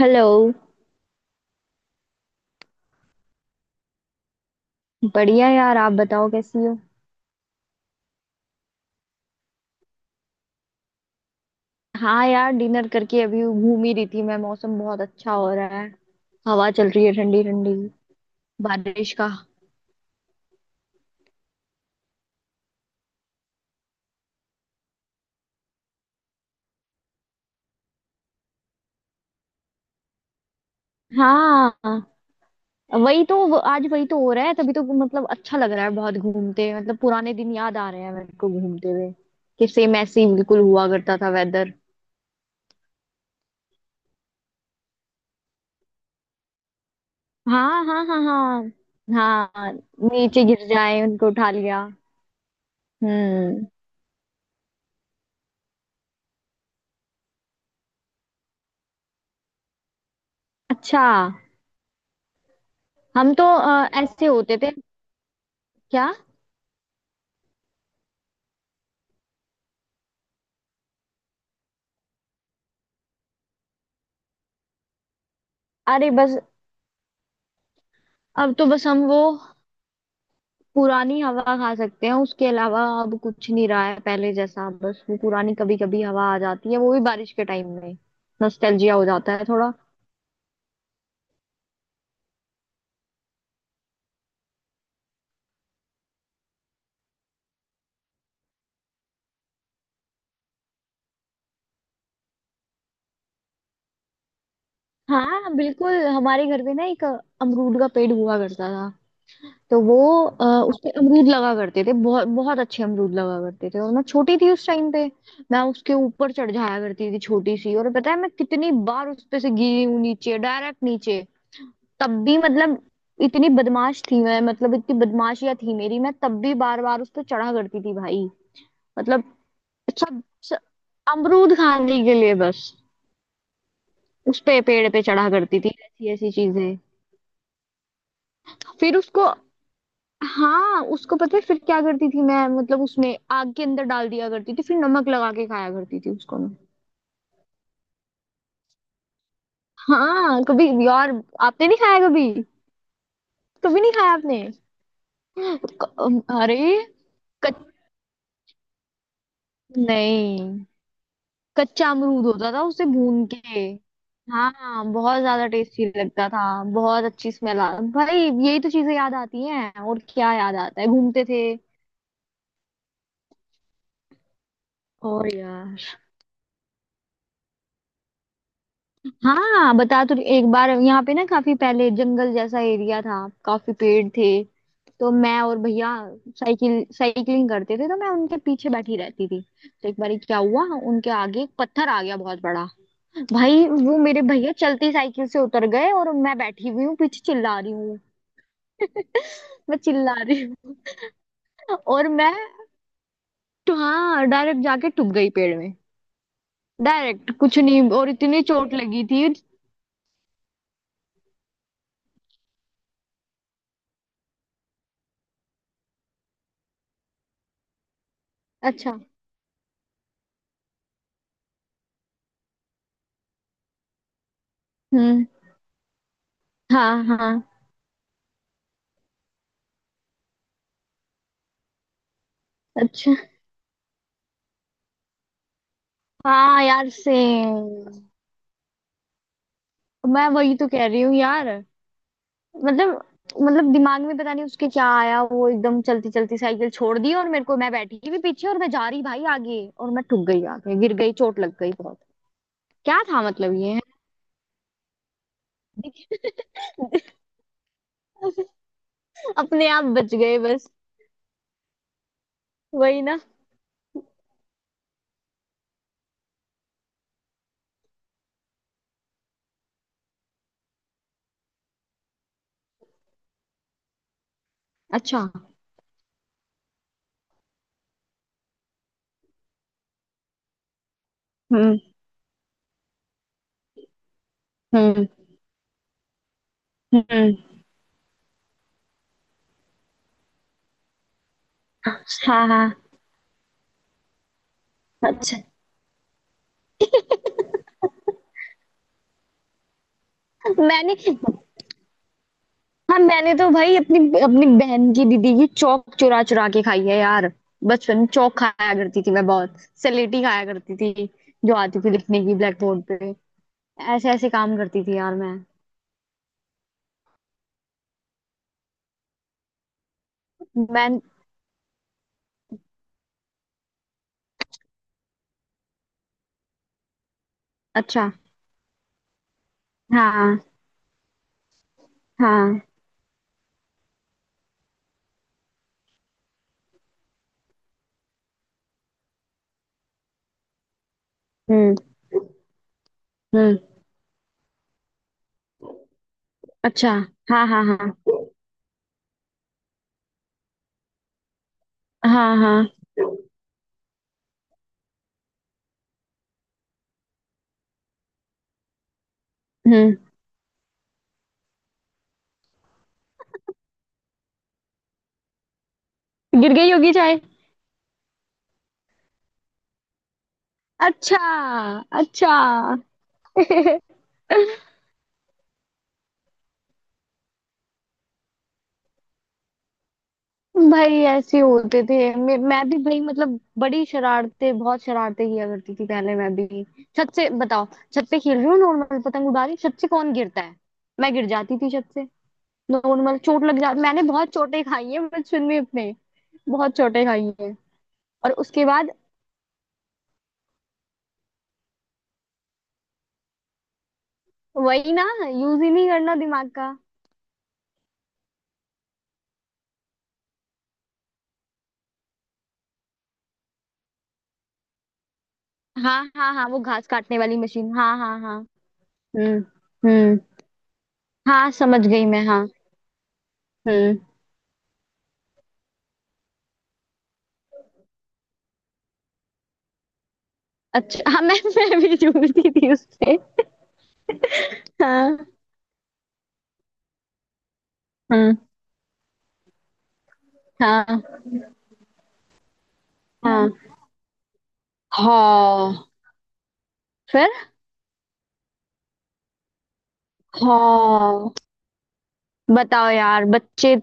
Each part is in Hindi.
हेलो। बढ़िया यार, आप बताओ कैसी हो। हाँ यार, डिनर करके अभी घूम ही रही थी मैं। मौसम बहुत अच्छा हो रहा है। हवा चल रही है ठंडी ठंडी। बारिश का। हाँ, वही तो आज वही तो हो रहा है, तभी तो मतलब अच्छा लग रहा है बहुत घूमते, मतलब पुराने दिन याद आ रहे हैं मेरे को घूमते हुए। कि सेम ऐसे ही बिल्कुल हुआ करता था वेदर। हाँ हाँ हाँ हाँ। हाँ, नीचे गिर जाए उनको उठा लिया। हम्म। अच्छा, हम तो ऐसे होते थे। क्या? अरे बस। अब तो बस हम वो पुरानी हवा खा सकते हैं, उसके अलावा अब कुछ नहीं रहा है पहले जैसा। बस वो पुरानी कभी कभी हवा आ जाती है, वो भी बारिश के टाइम में। नॉस्टैल्जिया हो जाता है थोड़ा। हाँ बिल्कुल, हमारे घर पे ना एक अमरूद का पेड़ हुआ करता था। तो वो उस पे अमरूद लगा करते थे, बहुत बहुत अच्छे अमरूद लगा करते थे, और मैं छोटी थी उस टाइम पे। मैं उसके ऊपर चढ़ जाया करती थी छोटी सी, और पता है मैं कितनी बार उस पे से गिरी हूँ नीचे, डायरेक्ट नीचे। तब भी मतलब इतनी बदमाश थी मैं, मतलब इतनी बदमाशियां थी मेरी, मैं तब भी बार बार उस पर चढ़ा करती थी भाई। मतलब सब अमरूद खाने के लिए बस। उस पे पेड़ पे चढ़ा करती थी, ऐसी ऐसी चीजें। फिर उसको। हाँ, उसको पता है फिर क्या करती थी मैं? मतलब उसमें आग के अंदर डाल दिया करती थी, फिर नमक लगा के खाया करती थी उसको मैं। हाँ कभी यार। आपने नहीं खाया कभी? कभी नहीं खाया आपने? अरे। कच नहीं, कच्चा अमरूद होता था उसे भून के। हाँ, बहुत ज्यादा टेस्टी लगता था। बहुत अच्छी स्मेल आ। भाई। यही तो चीजें याद आती हैं, और क्या याद आता है? घूमते थे। और यार। हाँ, एक बार यहाँ पे ना काफी पहले जंगल जैसा एरिया था, काफी पेड़ थे। तो मैं और भैया साइकिलिंग करते थे, तो मैं उनके पीछे बैठी रहती थी। तो एक बार क्या हुआ, उनके आगे एक पत्थर आ गया बहुत बड़ा। भाई वो मेरे भैया चलती साइकिल से उतर गए, और मैं बैठी हुई हूँ पीछे, चिल्ला रही हूँ। मैं चिल्ला रही हूँ, और मैं। तो हाँ, डायरेक्ट जाके टूट गई पेड़ में। डायरेक्ट कुछ नहीं, और इतनी चोट लगी थी। अच्छा। हम्म। हाँ हाँ। अच्छा। हाँ यार, सेम। मैं वही तो कह रही हूँ यार, मतलब मतलब दिमाग में पता नहीं उसके क्या आया, वो एकदम चलती चलती साइकिल छोड़ दी, और मेरे को मैं बैठी भी पीछे, और मैं जा रही भाई आगे, और मैं ठुक गई आगे, गिर गई, चोट लग गई बहुत। क्या था मतलब ये। अपने आप बच गए बस। वही ना। अच्छा। हम्म। हम्म। हम्म। हाँ हाँ हाँ। अच्छा। मैंने हाँ, मैंने तो भाई अपनी अपनी बहन की, दीदी की चौक चुरा चुरा के खाई है यार। बचपन में चौक खाया करती थी मैं, बहुत स्लेटी खाया करती थी। जो आती थी लिखने की ब्लैक बोर्ड पे। ऐसे ऐसे काम करती थी यार मैं। मैं अच्छा। हाँ हाँ। हम्म। हम्म। अच्छा। हाँ हाँ हाँ। हाँ हाँ। हम्म। गिर गई होगी चाय? अच्छा। अच्छा। भाई ऐसे होते थे। मैं भी भाई, मतलब बड़ी शरारतें, बहुत शरारतें किया करती थी पहले मैं भी। छत से बताओ। छत पे खेल रही हूँ नॉर्मल, पतंग उड़ा रही, छत से कौन गिरता है? मैं गिर जाती थी छत से। नॉर्मल चोट लग जाती, मैंने बहुत चोटें खाई है बचपन में अपने। बहुत चोटें खाई है। और उसके बाद। वही ना, यूज ही नहीं करना दिमाग का। हाँ हाँ हाँ, वो घास काटने वाली मशीन। हाँ हाँ हाँ। हम्म। हम्म। हाँ, समझ गई मैं। हाँ। हम्म। अच्छा, हाँ, मैं भी जूझती थी उससे। हाँ। हम्म। हाँ हाँ। हम्म। हाँ। फिर। हाँ। बताओ यार, बच्चे।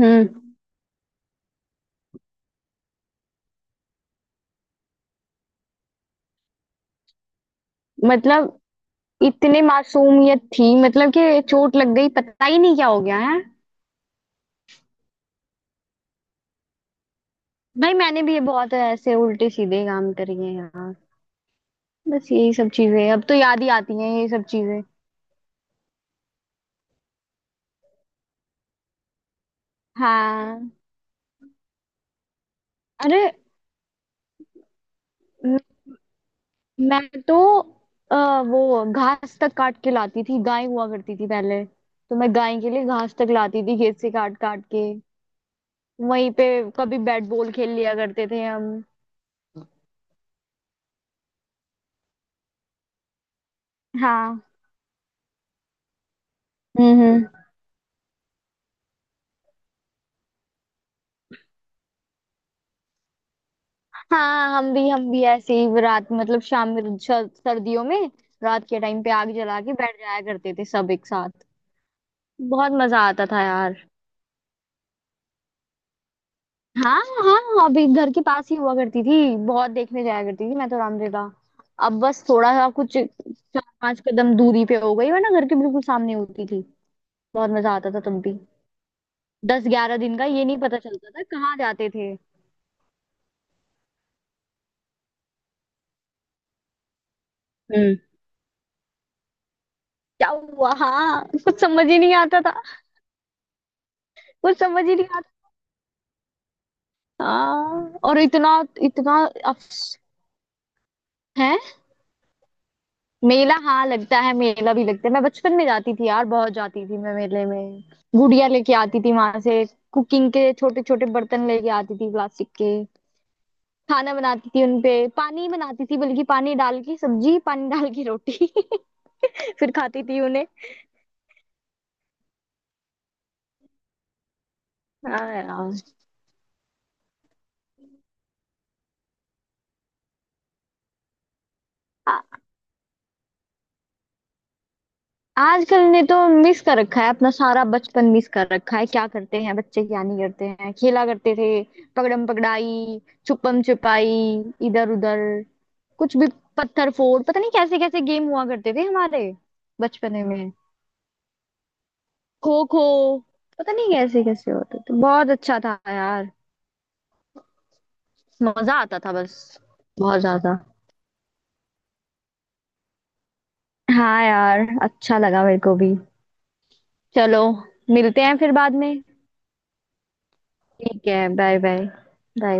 हम्म। मतलब इतने मासूमियत थी, मतलब कि चोट लग गई, पता ही नहीं क्या हो गया है। भाई मैंने भी ये बहुत ऐसे उल्टे सीधे काम करे हैं यार। बस यही सब चीजें अब तो याद ही आती हैं, ये सब चीजें। हाँ, अरे। म- मैं तो वो घास तक काट के लाती थी, गाय हुआ करती थी पहले, तो मैं गाय के लिए घास तक लाती थी खेत से काट काट के। वहीं पे। कभी बैट बॉल खेल लिया करते थे हम। हाँ। हम्म। हाँ, हम भी ऐसे ही रात, मतलब शाम में, सर्दियों में रात के टाइम पे आग जला के बैठ जाया करते थे सब एक साथ। बहुत मजा आता था यार। हाँ हाँ, अभी घर के पास ही हुआ करती थी, बहुत देखने जाया करती थी मैं तो रामलीला। अब बस थोड़ा सा कुछ 4-5 कदम दूरी पे हो गई, वरना घर के बिल्कुल सामने होती थी। बहुत मजा आता था तब भी। 10-11 दिन का, ये नहीं पता चलता था कहाँ जाते थे। क्या हुआ? हाँ, कुछ समझ ही नहीं आता था। कुछ समझ ही नहीं आता। हाँ। और इतना इतना अफस है। मेला, हाँ लगता है, मेला भी लगता है। मैं बचपन में जाती थी यार, बहुत जाती थी मैं मेले में। गुड़िया लेके आती थी वहां से। कुकिंग के छोटे छोटे बर्तन लेके आती थी प्लास्टिक के। खाना बनाती थी उनपे। पानी बनाती थी, बल्कि पानी डाल के सब्जी, पानी डाल के रोटी। फिर खाती थी उन्हें। हाँ यार। आजकल ने तो मिस कर रखा है, अपना सारा बचपन मिस कर रखा है। क्या करते हैं बच्चे, क्या नहीं करते हैं। खेला करते थे। पकड़म पकड़ाई। छुपम छुपाई। इधर उधर। कुछ भी। पत्थर फोड़, पता नहीं कैसे कैसे गेम हुआ करते थे हमारे बचपन में। खो खो। पता नहीं कैसे कैसे होते थे, बहुत अच्छा था यार। मजा आता था बस। बहुत ज्यादा। हाँ यार, अच्छा लगा मेरे को भी। चलो। मिलते हैं फिर बाद में। ठीक है, बाय बाय। बाय।